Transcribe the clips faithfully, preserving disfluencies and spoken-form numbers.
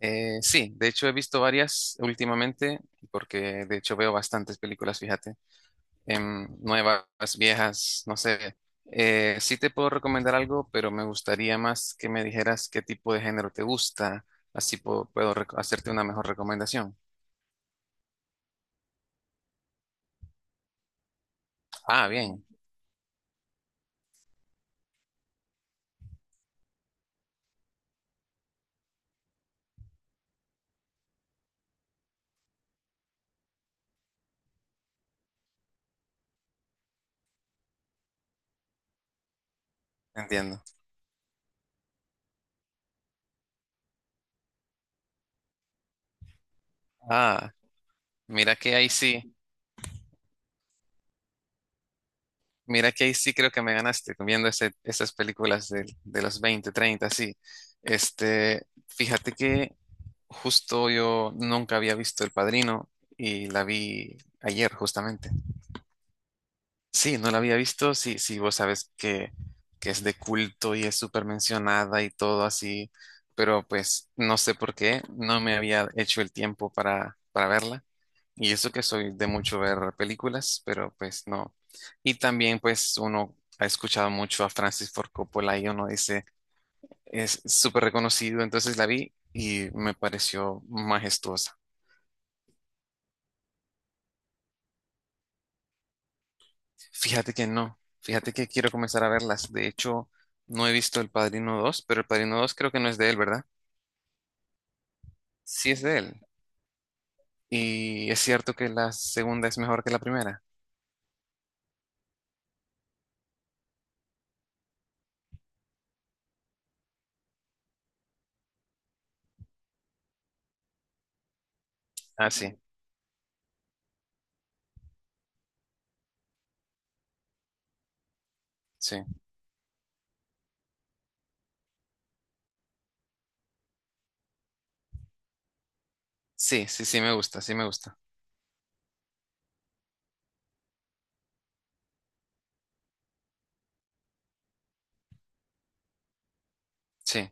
Eh, sí, de hecho he visto varias últimamente, porque de hecho veo bastantes películas, fíjate, em, nuevas, viejas, no sé. Eh, sí te puedo recomendar algo, pero me gustaría más que me dijeras qué tipo de género te gusta, así puedo, puedo rec- hacerte una mejor recomendación. Ah, bien, entiendo. Ah, mira que ahí sí, mira que ahí sí creo que me ganaste viendo ese- esas películas de, de los veinte, treinta, sí. Este, fíjate que justo yo nunca había visto El Padrino y la vi ayer justamente. Sí, no la había visto, sí, sí, vos sabes que, que es de culto y es súper mencionada y todo así, pero pues no sé por qué, no me había hecho el tiempo para, para verla. Y eso que soy de mucho ver películas, pero pues no. Y también pues uno ha escuchado mucho a Francis Ford Coppola y uno dice, es súper reconocido, entonces la vi y me pareció majestuosa. Fíjate que no, fíjate que quiero comenzar a verlas. De hecho, no he visto El Padrino dos, pero El Padrino dos creo que no es de él, ¿verdad? Sí es de él. Y es cierto que la segunda es mejor que la primera. Ah, sí, sí. Sí, sí, sí me gusta, sí me gusta. Sí,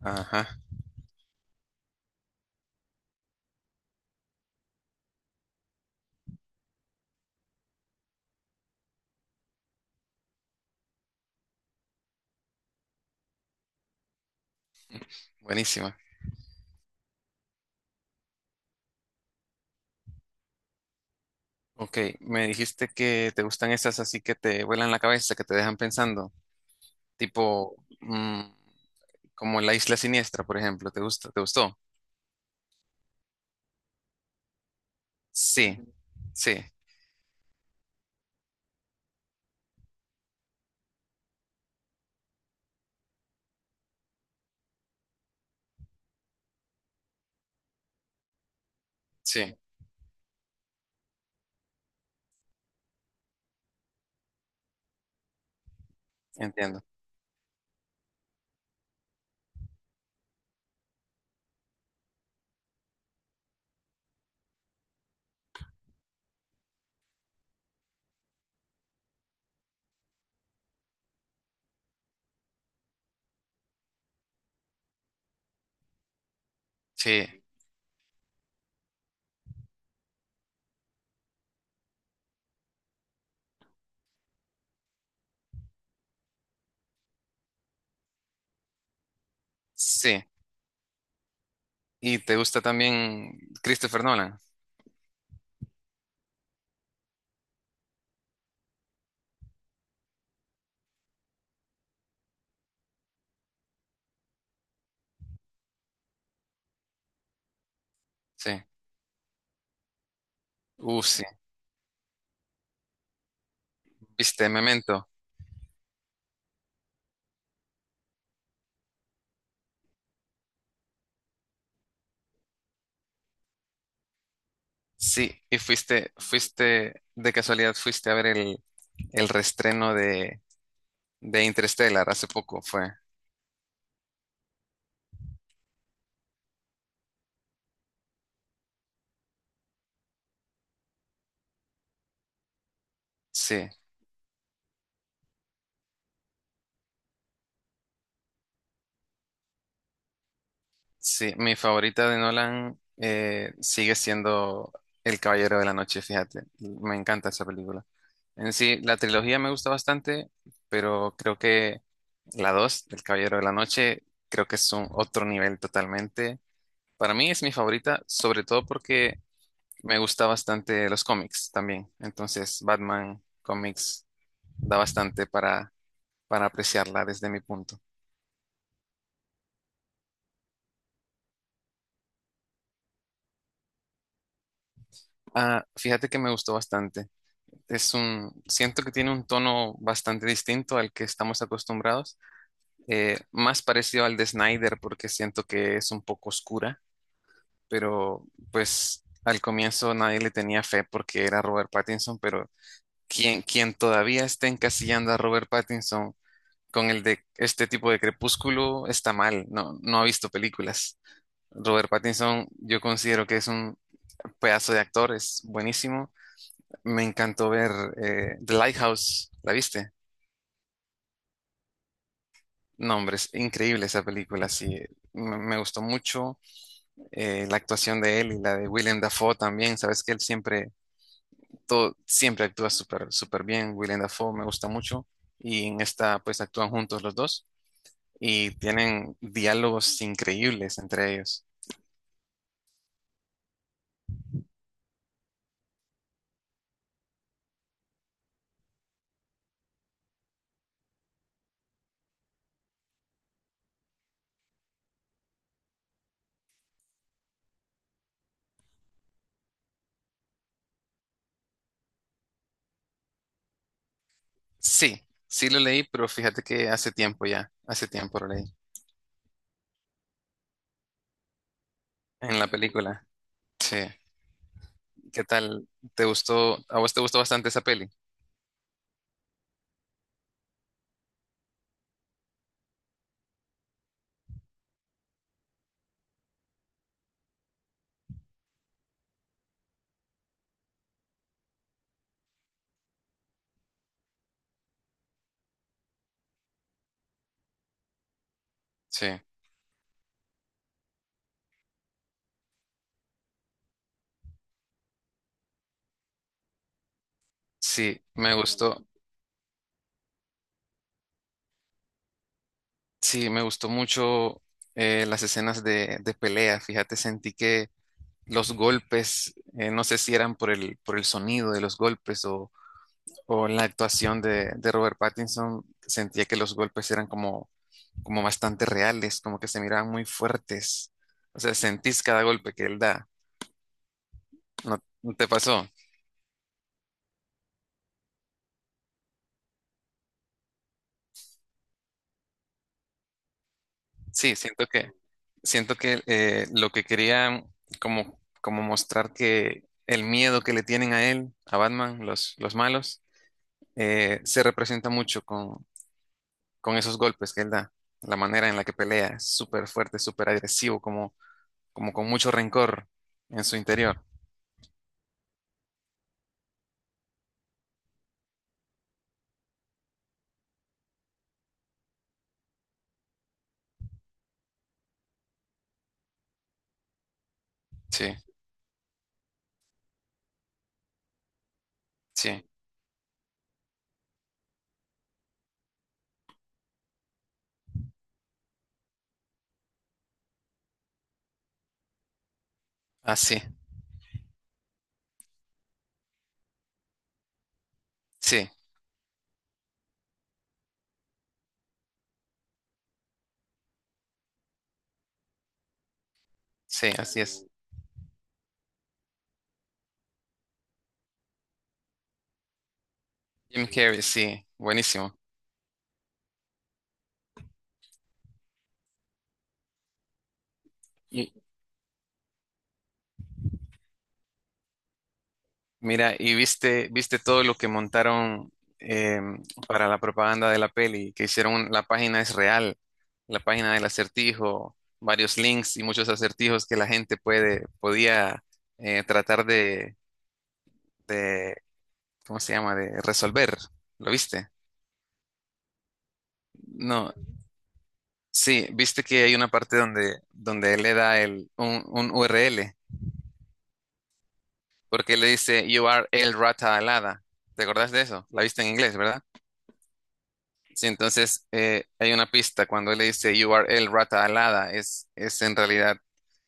ajá, buenísima. Ok, me dijiste que te gustan esas así que te vuelan la cabeza, que te dejan pensando, tipo mm, como La Isla Siniestra, por ejemplo. ¿Te gusta? ¿Te gustó? Sí, sí, sí, entiendo. Sí, sí. ¿Y te gusta también Christopher Nolan? Sí. Uh, sí. ¿Viste Memento? Sí. ¿Y fuiste, fuiste, de casualidad, fuiste a ver el, el reestreno de, de Interstellar hace poco? Fue. Sí. Sí. Mi favorita de Nolan eh, sigue siendo El Caballero de la Noche, fíjate. Me encanta esa película. En sí, la trilogía me gusta bastante, pero creo que la dos, El Caballero de la Noche, creo que es un otro nivel totalmente. Para mí es mi favorita, sobre todo porque me gusta bastante los cómics también. Entonces, Batman cómics da bastante para, para apreciarla desde mi punto. Ah, fíjate que me gustó bastante. Es un, siento que tiene un tono bastante distinto al que estamos acostumbrados, eh, más parecido al de Snyder porque siento que es un poco oscura, pero pues al comienzo nadie le tenía fe porque era Robert Pattinson, pero quien, quien todavía esté encasillando a Robert Pattinson con el de este tipo de crepúsculo está mal, no, no ha visto películas. Robert Pattinson, yo considero que es un pedazo de actor, es buenísimo. Me encantó ver eh, The Lighthouse, ¿la viste? No, hombre, es increíble esa película, sí. Me, me gustó mucho eh, la actuación de él y la de William Dafoe también. Sabes que él siempre, todo, siempre actúa súper, súper bien. William Dafoe me gusta mucho. Y en esta, pues actúan juntos los dos y tienen diálogos increíbles entre ellos. Sí, sí lo leí, pero fíjate que hace tiempo ya, hace tiempo lo leí en la película. Sí, ¿qué tal? ¿Te gustó? ¿A vos te gustó bastante esa peli? Sí, sí, me gustó, sí, me gustó mucho eh, las escenas de, de pelea. Fíjate, sentí que los golpes, eh, no sé si eran por el, por el sonido de los golpes o, o la actuación de, de Robert Pattinson, sentía que los golpes eran como, como bastante reales, como que se miraban muy fuertes. O sea, sentís cada golpe que él da. ¿No no te pasó? Sí, siento que, siento que eh, lo que quería como, como mostrar que el miedo que le tienen a él, a Batman, los, los malos, eh, se representa mucho con, con esos golpes que él da, la manera en la que pelea, es súper fuerte, súper agresivo, como, como con mucho rencor en su interior. Sí, sí, así, sí, sí, sí, así es. Jim Carrey, sí, buenísimo. Mira, y viste, viste todo lo que montaron em, para la propaganda de la peli, que hicieron un- la página es real, la página del acertijo, varios links y muchos acertijos que la gente puede, podía eh, tratar de, de, ¿cómo se llama? De resolver. ¿Lo viste? No, sí, viste que hay una parte donde, donde él le da el, un, un U R L, porque le dice You are el rata alada. ¿Te acordás de eso? La viste en inglés, ¿verdad? Sí, entonces eh, hay una pista cuando él le dice You are el rata alada, es, es en realidad,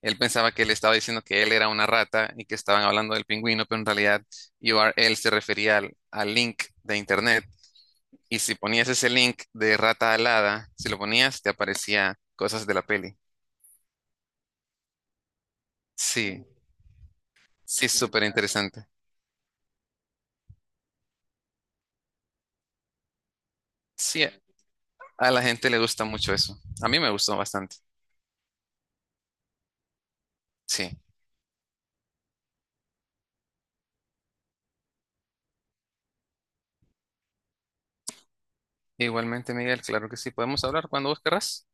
él pensaba que le estaba diciendo que él era una rata y que estaban hablando del pingüino, pero en realidad You are él se refería al, al link de internet. Y si ponías ese link de rata alada, si lo ponías, te aparecía cosas de la peli. Sí, sí, súper interesante. Sí, a la gente le gusta mucho eso. A mí me gustó bastante. Sí, igualmente, Miguel, claro que sí. Podemos hablar cuando vos querrás.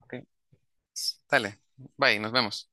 Ok, dale, bye, nos vemos.